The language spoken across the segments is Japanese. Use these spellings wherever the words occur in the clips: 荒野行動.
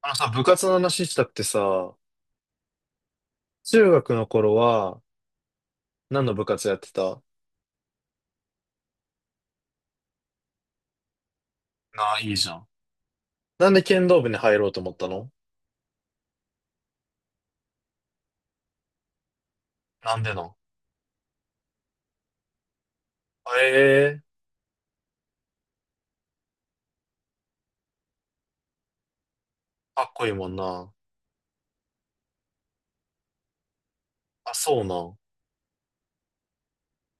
あのさ、部活の話したってさ、中学の頃は何の部活やってた？なあ、いいじゃん。なんで剣道部に入ろうと思ったの？なんでなん？ええー、かっこいいもんな。あ、そうなん。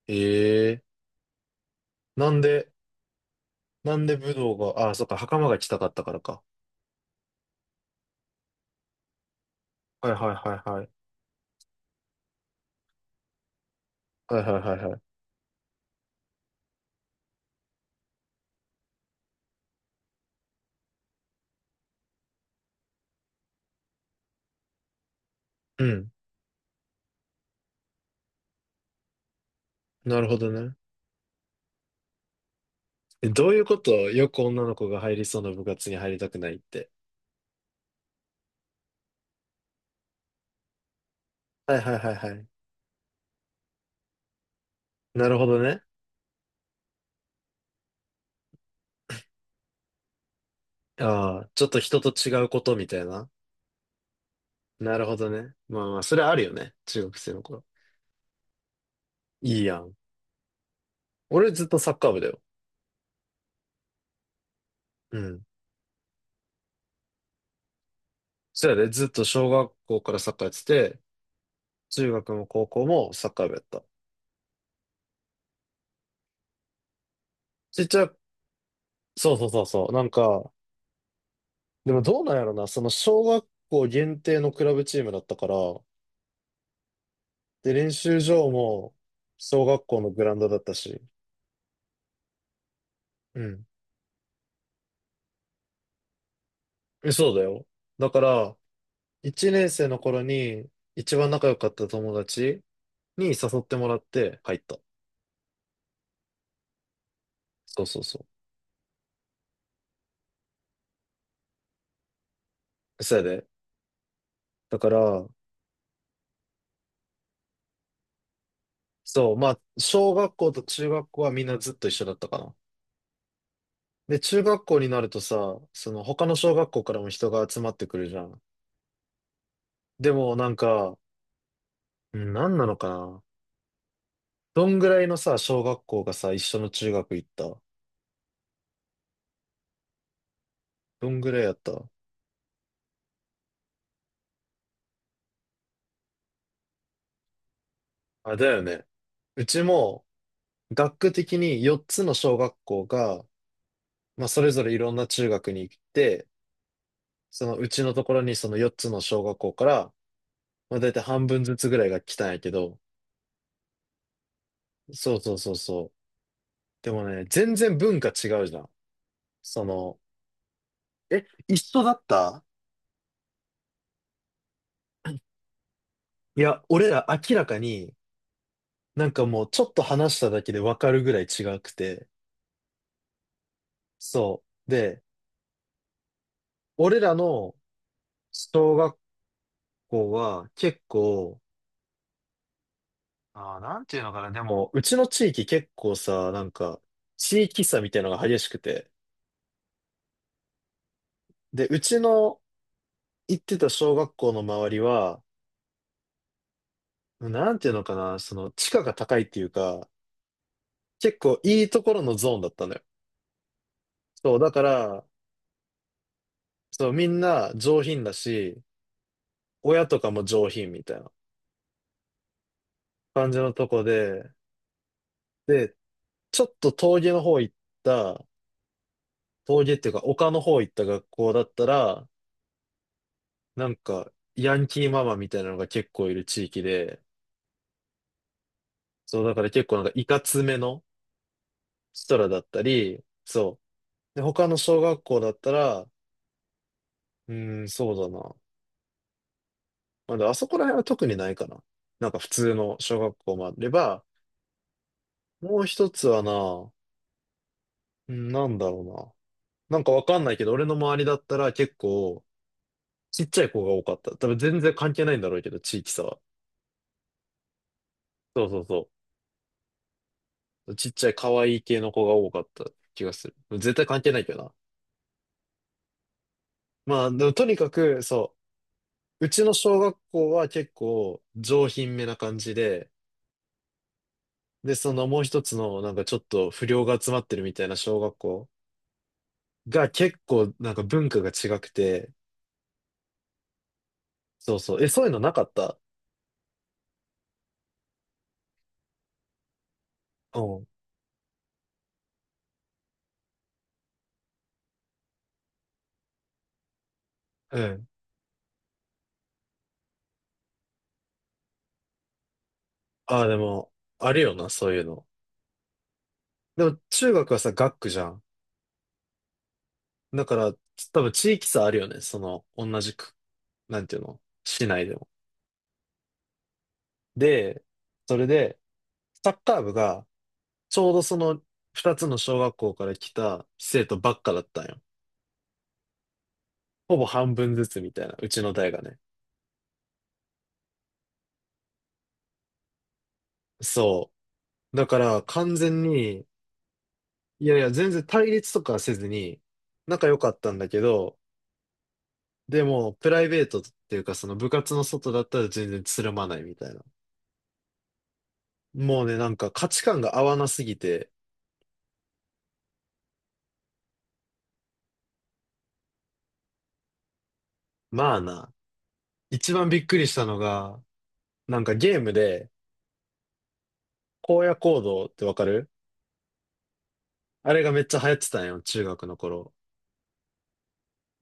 ええー、なんで武道が、あ、そっか、袴が着たかったからか。はいはいはいはい。はいはいはいはい。うん。なるほどね。え、どういうこと？よく女の子が入りそうな部活に入りたくないって。はいはいはいはい。なるほどね。ああ、ちょっと人と違うことみたいな。なるほどね。まあまあ、それあるよね。中学生の頃。いいやん。俺ずっとサッカー部だよ。うん。そやで、ずっと小学校からサッカーやってて、中学も高校もサッカー部やった。ちっちゃい、そうそうそうそう。なんか、でもどうなんやろな。その小学校限定のクラブチームだったから、で、練習場も小学校のグラウンドだったし。うん。え、そうだよ。だから、1年生の頃に一番仲良かった友達に誘ってもらって入った。そうそうそう。そうやで。だから、そう、まあ、小学校と中学校はみんなずっと一緒だったかな。で、中学校になるとさ、その他の小学校からも人が集まってくるじゃん。でもなんか、うん、何なのかな。どんぐらいのさ、小学校がさ、一緒の中学行った？どんぐらいやった？あ、だよね。うちも、学区的に4つの小学校が、まあ、それぞれいろんな中学に行って、そのうちのところにその4つの小学校から、まあ、だいたい半分ずつぐらいが来たんやけど、そうそうそうそう。でもね、全然文化違うじゃん。その、え、一緒だった？いや、俺ら明らかに、なんかもうちょっと話しただけでわかるぐらい違くて。そう。で、俺らの小学校は結構、ああ、なんていうのかな、でも、うちの地域結構さ、なんか、地域差みたいなのが激しくて。で、うちの行ってた小学校の周りは、なんていうのかな、その、地価が高いっていうか、結構いいところのゾーンだったのよ。そう、だから、そう、みんな上品だし、親とかも上品みたいな感じのとこで、で、ちょっと峠の方行った、峠っていうか丘の方行った学校だったら、なんか、ヤンキーママみたいなのが結構いる地域で、そう、だから結構なんかいかつめの人らだったり、そう。で、他の小学校だったら、うーん、そうだな。まあ、であそこら辺は特にないかな。なんか普通の小学校もあれば、もう一つはな、うん、なんだろうな。なんかわかんないけど、俺の周りだったら結構、ちっちゃい子が多かった。多分全然関係ないんだろうけど、地域差は。そうそうそう。ちっちゃい可愛い系の子が多かった気がする。絶対関係ないけどな。まあ、でもとにかく、そう。うちの小学校は結構上品めな感じで、で、そのもう一つのなんかちょっと不良が集まってるみたいな小学校が結構なんか文化が違くて、そうそう。え、そういうのなかった？うん。うん、ああ、でも、あるよな、そういうの。でも、中学はさ、学区じゃん。だから、つ多分地域差あるよね、その、同じく、なんていうの、市内でも。で、それで、サッカー部が、ちょうどその、二つの小学校から来た生徒ばっかだったんよ。ほぼ半分ずつみたいな、うちの代がね。そう。だから、完全に、いやいや、全然対立とかはせずに、仲良かったんだけど、でも、プライベートっていうか、その部活の外だったら全然つるまないみたいな。もうね、なんか価値観が合わなすぎて、まあな。一番びっくりしたのが、なんかゲームで、荒野行動ってわかる？あれがめっちゃ流行ってたんよ、中学の頃。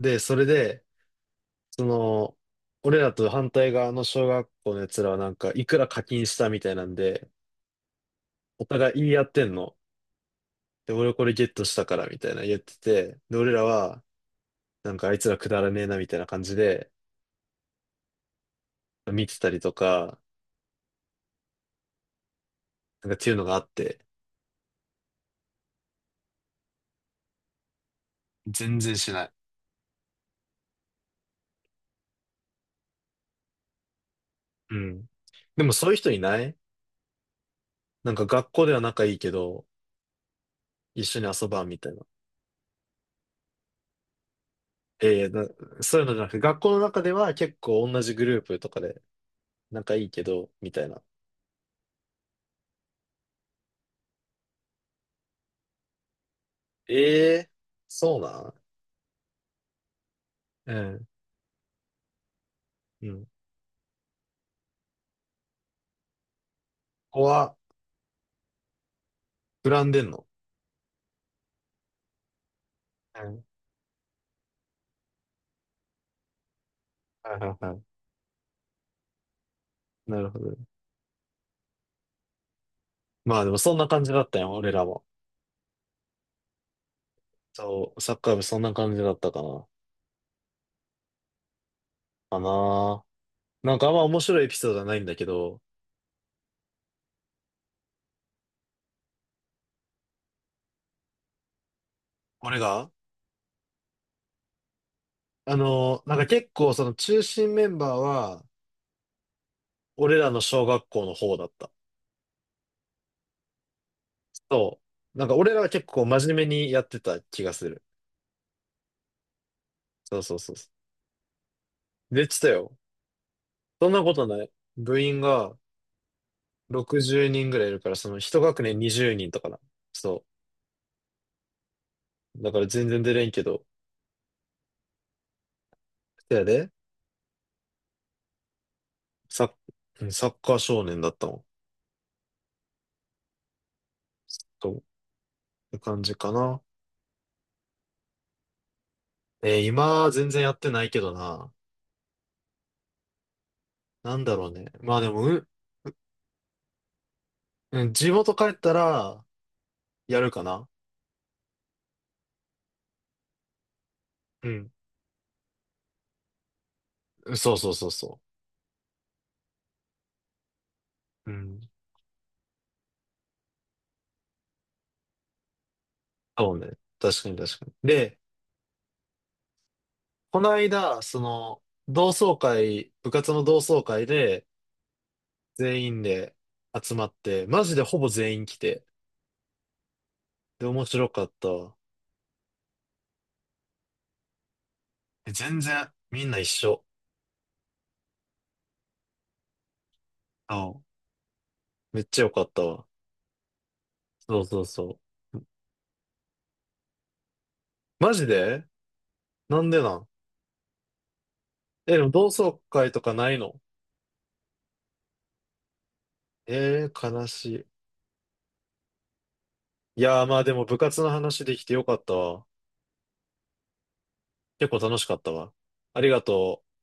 で、それで、その、俺らと反対側の小学校のやつらはなんか、いくら課金したみたいなんで、お互い言い合ってんの。で、俺これゲットしたからみたいな言ってて、で、俺らは、なんかあいつらくだらねえなみたいな感じで、見てたりとか、なんかっていうのがあって。全然しない。うん。でもそういう人いない？なんか学校では仲いいけど、一緒に遊ばんみたいな。ええな、そういうのじゃなくて、学校の中では結構同じグループとかで仲いいけど、みたいな。ええ、そうなん？うん。うん。ここは、膨らんでんの？うん。はいはいはい。なるほど。まあでもそんな感じだったよ、俺らも。そう、サッカー部そんな感じだったかな。かな。なんかあんま面白いエピソードはないんだけど、俺があの、なんか結構その中心メンバーは、俺らの小学校の方だった。そう。なんか俺らは結構真面目にやってた気がする。そうそうそうそう。で、言ってたよ。そんなことない。部員が60人ぐらいいるから、その一学年20人とかな。そう。だから全然出れんけど。そやで、サッ、うんサッカー少年だったもん。そう。って感じかな。今は全然やってないけどな。なんだろうね。まあでも、うん、うん、地元帰ったら、やるかな。うん。そうそうそうそう。うん。そうね。確かに確かに。で、この間、その、同窓会、部活の同窓会で、全員で集まって、マジでほぼ全員来て、で、面白かったわ。え、全然、みんな一緒。あ、めっちゃよかったわ。そうそうそう。マジで？なんでなん？え、でも同窓会とかないの？えー、悲しい。いやー、まあでも部活の話できてよかったわ。結構楽しかったわ。ありがとう。